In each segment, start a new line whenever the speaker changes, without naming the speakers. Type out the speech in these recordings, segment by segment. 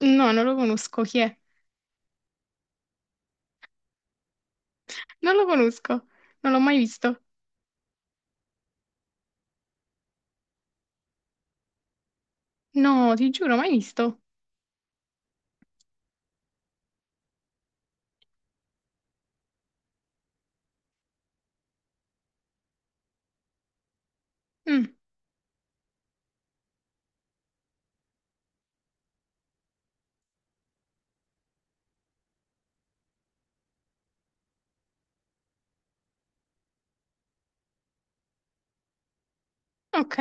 No, non lo conosco. Chi è? Non lo conosco. Non l'ho mai visto. No, ti giuro, mai visto. Mm, ok,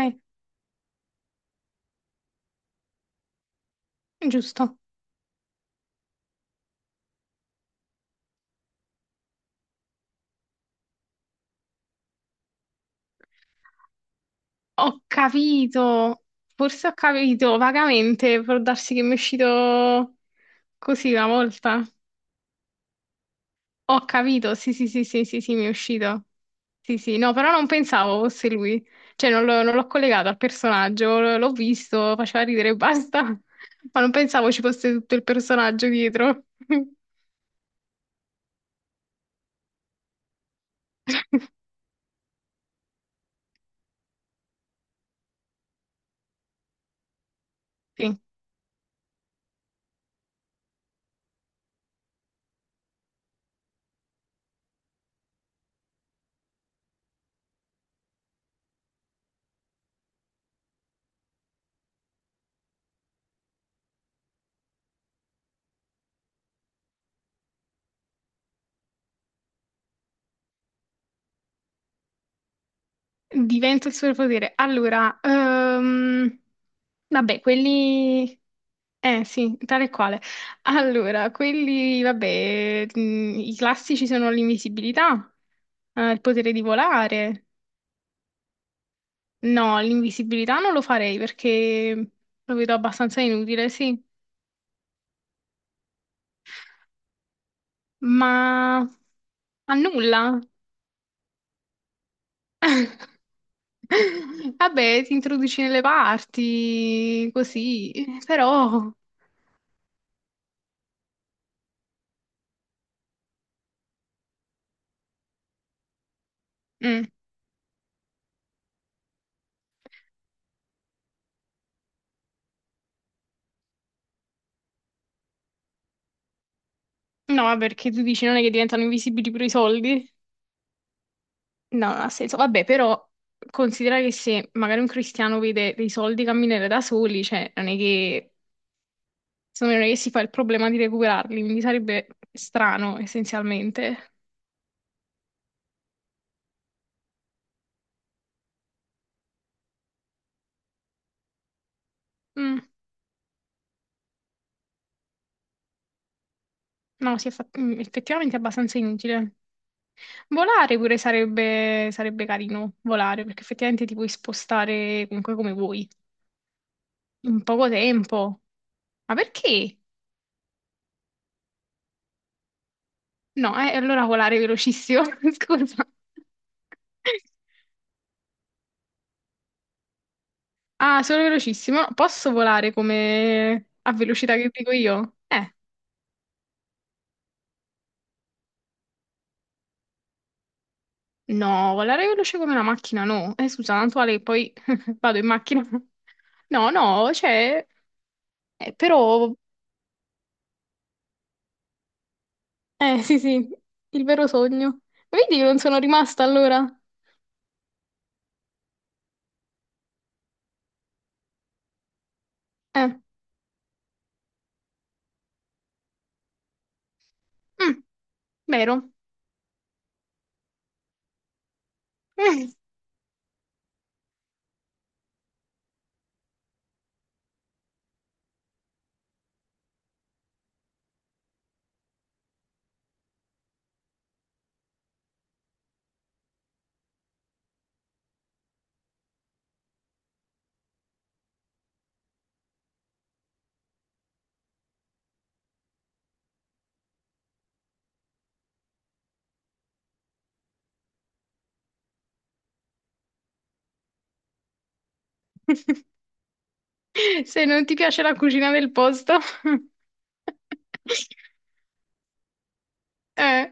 giusto. Ho capito. Forse ho capito vagamente. Può darsi che mi è uscito così una volta. Ho capito. Sì, sì, sì, sì, sì, sì, mi è uscito. Sì, sì, no, però non pensavo fosse lui. Cioè, non l'ho collegato al personaggio. L'ho visto, faceva ridere e basta. Ma non pensavo ci fosse tutto il personaggio dietro. Sì. Diventa il superpotere. Allora, vabbè, quelli... Eh sì, tale e quale. Allora, quelli, vabbè, i classici sono l'invisibilità, il potere di volare. No, l'invisibilità non lo farei perché lo vedo abbastanza inutile, sì. Ma a nulla. Vabbè, ti introduci nelle parti, così, però... Mm. No, vabbè, perché tu dici non è che diventano invisibili pure i soldi? No, non ha senso. Vabbè, però considera che se magari un cristiano vede dei soldi camminare da soli, cioè non è che, secondo me non è che si fa il problema di recuperarli, quindi sarebbe strano essenzialmente. Mm, no, si è fatto, effettivamente è abbastanza inutile. Volare pure sarebbe carino, volare, perché effettivamente ti puoi spostare comunque come vuoi, in poco tempo. Ma perché? No, allora volare velocissimo, scusa. Ah, solo velocissimo. Posso volare come a velocità che dico io? No, volare veloce come una macchina, no. Scusa, tanto vale che poi vado in macchina. No, no, cioè, però, sì, sì, il vero sogno. Vedi che non sono rimasta allora? Eh, mm, vero. Se non ti piace la cucina del posto. Eh,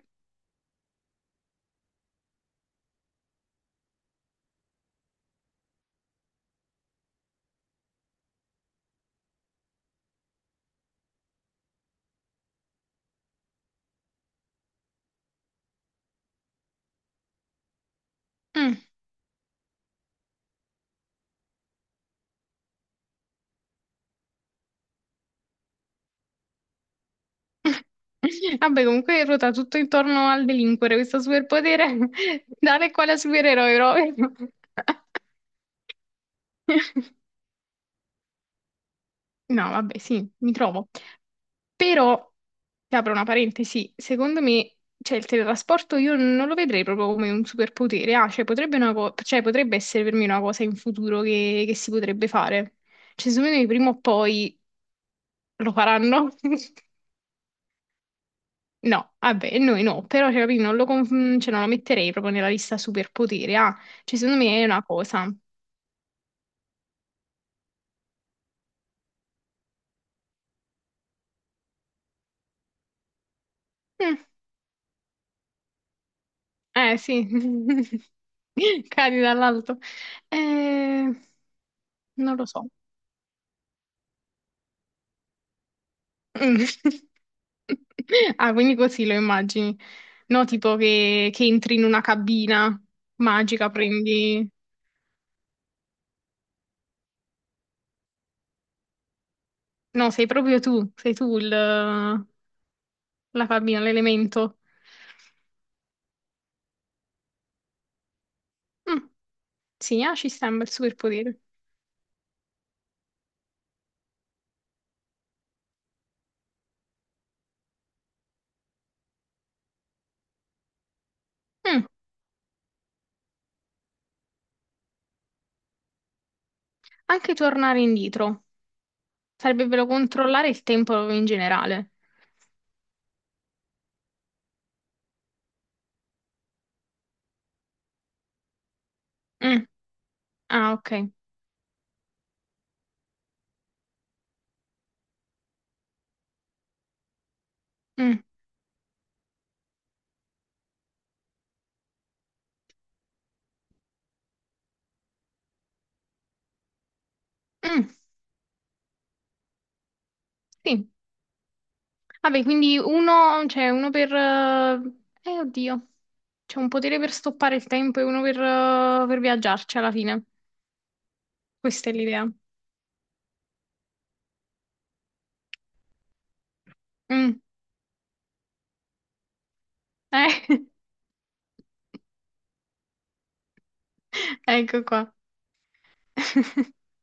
mm. Vabbè, comunque ruota tutto intorno al delinquere, questo superpotere, dare quale supereroe proprio. No, vabbè, sì, mi trovo. Però, ti apro una parentesi, secondo me, cioè, il teletrasporto io non lo vedrei proprio come un superpotere, ah, cioè, potrebbe, cioè, potrebbe essere per me una cosa in futuro che si potrebbe fare. Cioè, secondo me prima o poi lo faranno. No, vabbè, noi no, però cioè, capì, non lo, con- cioè, non lo metterei proprio nella lista superpoteri. Ah, cioè, secondo me è una cosa. Mm, eh sì, cadi dall'alto. Eh, non lo so. Mm. Ah, quindi così lo immagini. No, tipo che entri in una cabina magica, prendi... No, sei proprio tu, sei tu il, la cabina, l'elemento. Mm, sì, ah, ci sta un bel superpotere. Mm. Anche tornare indietro. Sarebbe bello controllare il tempo in generale. Mm. Ah, ok. Mm. Mm. Sì. Vabbè, quindi uno, cioè uno per... oddio. C'è un potere per stoppare il tempo e uno per viaggiarci alla fine. Questa è l'idea. Mm. Eh, ecco qua.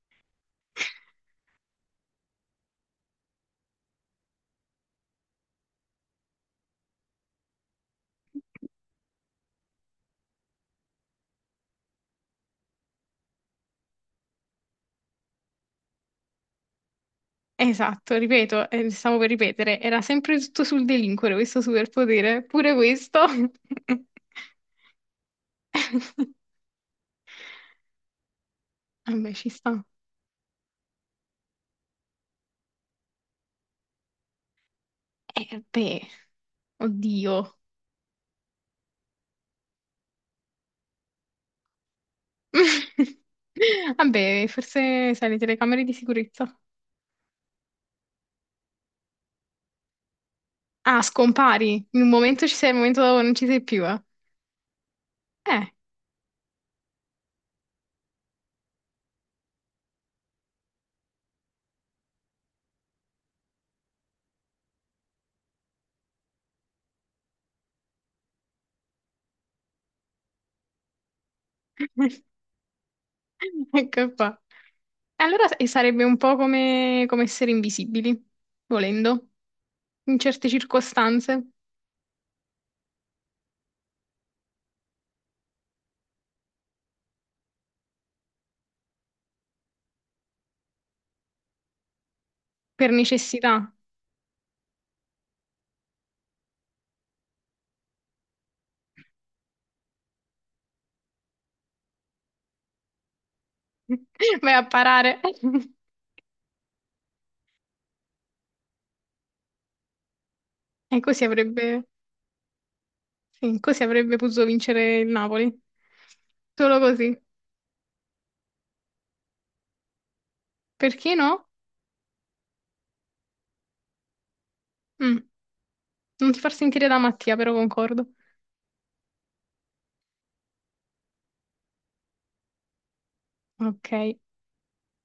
Esatto, ripeto, stavo per ripetere, era sempre tutto sul delinquere questo superpotere, pure questo. Eh beh, ci sta. Eh beh, oddio. Vabbè, forse sai, le telecamere di sicurezza. Ah, scompari. In un momento ci sei, in un momento non ci sei più. Eh, ecco qua. E allora e sarebbe un po' come, come essere invisibili, volendo, in certe circostanze, per necessità. Vai a parare. E così avrebbe, sì, così avrebbe potuto vincere il Napoli. Solo così. Perché no? Mm, non ti far sentire da Mattia, però concordo. Ok.